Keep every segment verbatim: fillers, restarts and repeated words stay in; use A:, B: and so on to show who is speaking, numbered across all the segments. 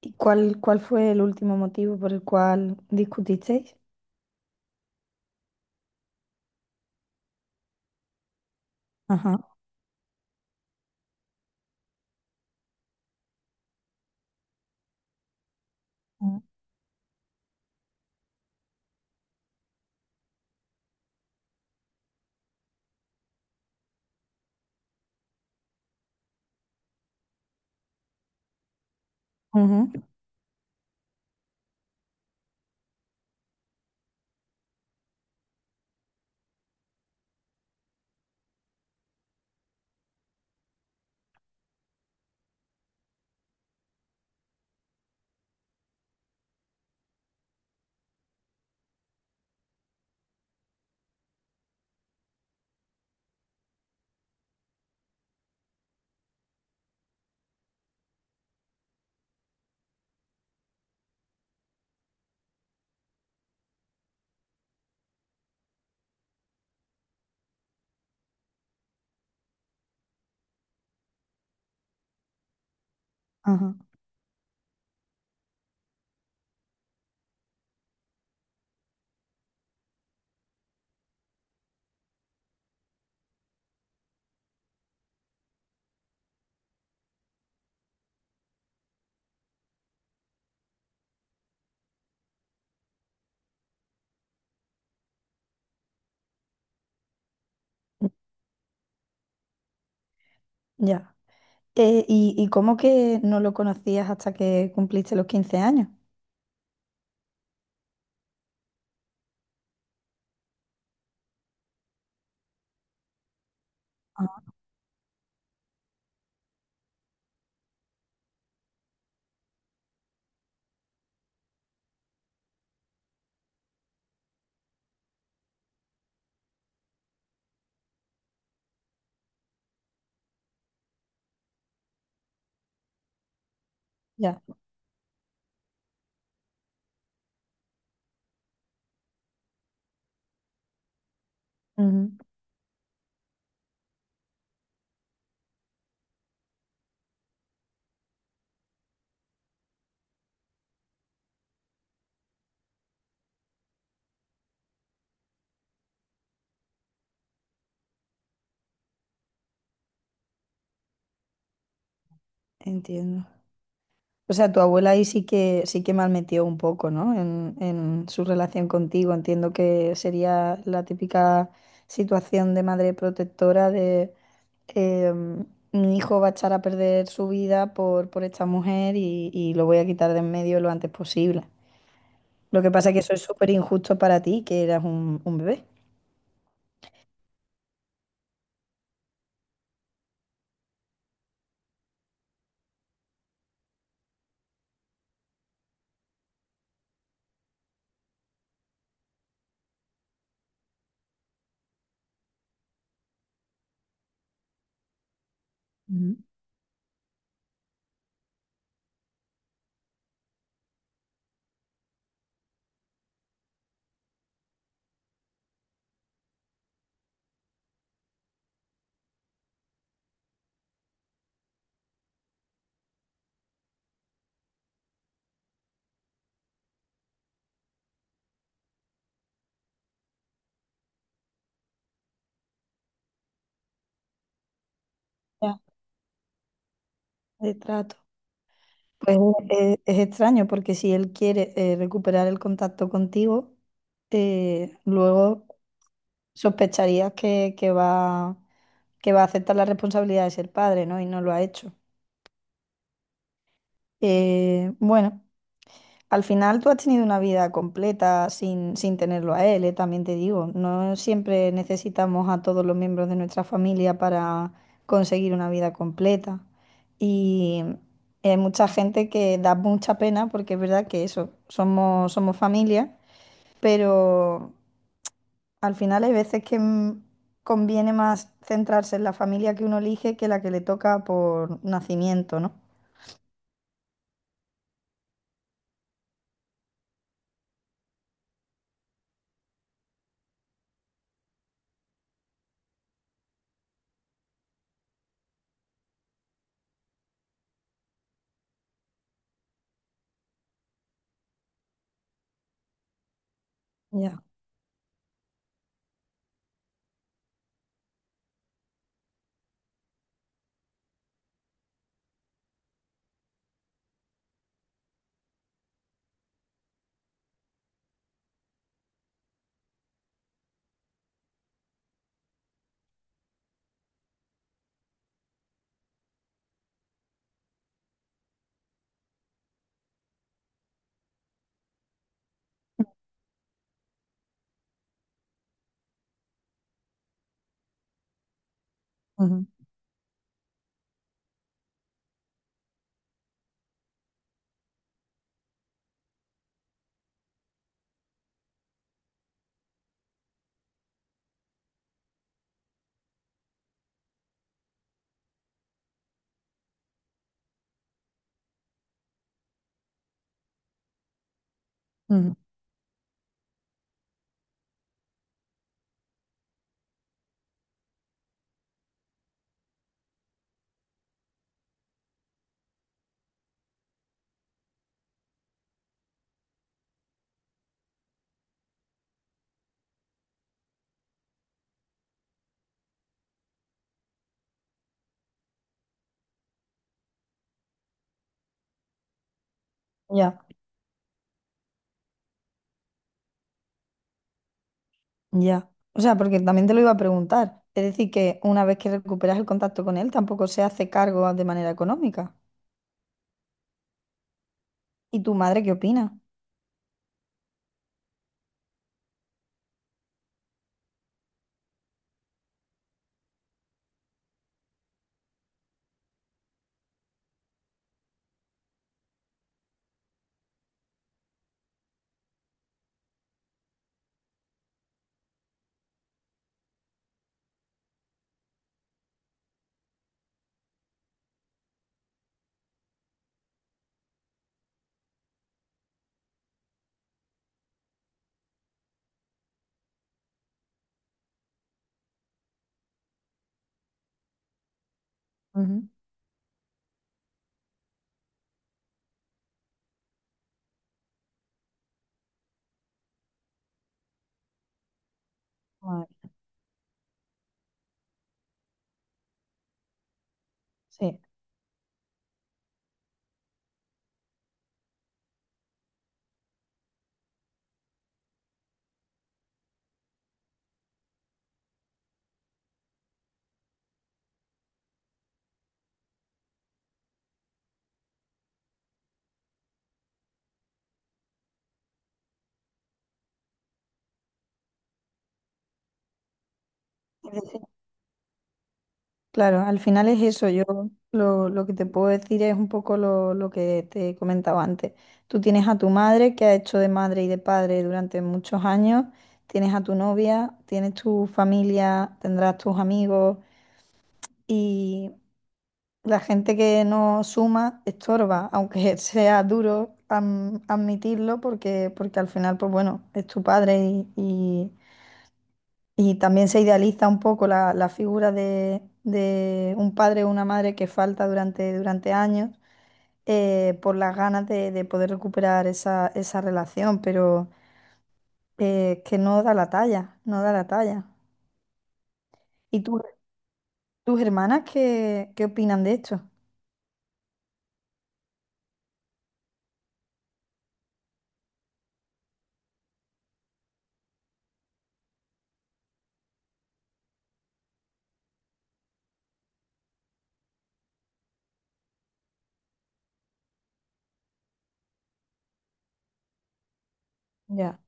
A: ¿Y cuál, cuál fue el último motivo por el cual discutisteis? Ajá. Mm. Ujú. Ajá. Mm. Ya. Eh, ¿y, y cómo que no lo conocías hasta que cumpliste los quince años? Ah, ya. Ujú. Entiendo. O sea, tu abuela ahí sí que sí que malmetió un poco, ¿no? En, en su relación contigo. Entiendo que sería la típica situación de madre protectora de em, mi hijo va a echar a perder su vida por, por esta mujer y, y lo voy a quitar de en medio lo antes posible. Lo que pasa es que eso es súper injusto para ti, que eras un, un bebé. Ujú. Ya, de trato. Pues es, es extraño porque si él quiere eh, recuperar el contacto contigo, eh, luego sospecharías que, que va, que va a aceptar la responsabilidad de ser padre, ¿no? Y no lo ha hecho. Eh, bueno, al final tú has tenido una vida completa sin, sin tenerlo a él, ¿eh? También te digo, no siempre necesitamos a todos los miembros de nuestra familia para conseguir una vida completa. Y hay mucha gente que da mucha pena porque es verdad que eso, somos, somos familia, pero. Al final hay veces que mm, conviene más centrarse en la familia que uno elige que la que le toca por nacimiento, ¿no? Ya, ujú, ujú, ya, ya. O sea, porque también te lo iba a preguntar. Es decir, que una vez que recuperas el contacto con él, tampoco se hace cargo de manera económica. ¿Y tu madre qué opina? Ujú, madre, sí. Claro, al final es eso. Yo lo, lo que te puedo decir es un poco lo, lo que te comentaba antes. Tú tienes a tu madre que ha hecho de madre y de padre durante muchos años, tienes a tu novia, tienes tu familia, tendrás tus amigos y la gente que no suma estorba, aunque sea duro am- admitirlo porque, porque al final, pues bueno, es tu padre y, y y también se idealiza un poco la, la figura de, de un padre o una madre que falta durante, durante años eh, por las ganas de, de poder recuperar esa, esa relación, pero eh, que no da la talla, no da la talla. ¿Y tú- tus hermanas qué, qué opinan de esto? Ya.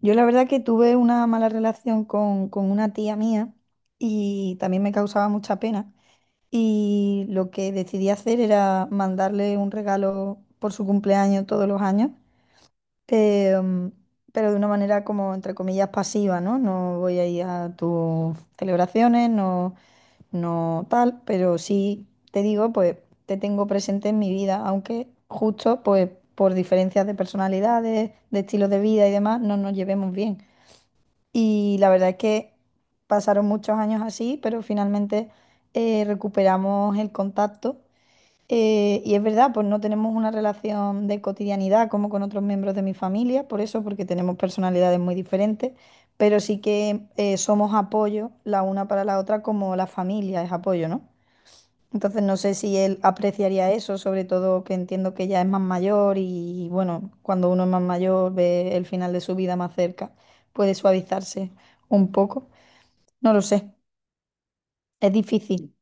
A: Yo la verdad que tuve una mala relación con, con una tía mía y también me causaba mucha pena. Y lo que decidí hacer era mandarle un regalo por su cumpleaños todos los años. Em, pero de una manera como, entre comillas, pasiva, ¿no? No voy a ir a tus celebraciones, no, no tal, pero sí te digo, pues te tengo presente en mi vida, aunque justo, pues por diferencias de personalidades, de estilos de vida y demás, no nos llevemos bien. Y la verdad es que pasaron muchos años así, pero finalmente eh, recuperamos el contacto. Eh, y es verdad, pues no tenemos una relación de cotidianidad como con otros miembros de mi familia, por eso, porque tenemos personalidades muy diferentes, pero sí que eh, somos apoyo la una para la otra como la familia es apoyo, ¿no? Entonces no sé si él apreciaría eso, sobre todo que entiendo que ya es más mayor y bueno, cuando uno es más mayor ve el final de su vida más cerca, puede suavizarse un poco. No lo sé, es difícil.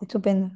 A: Estupendo.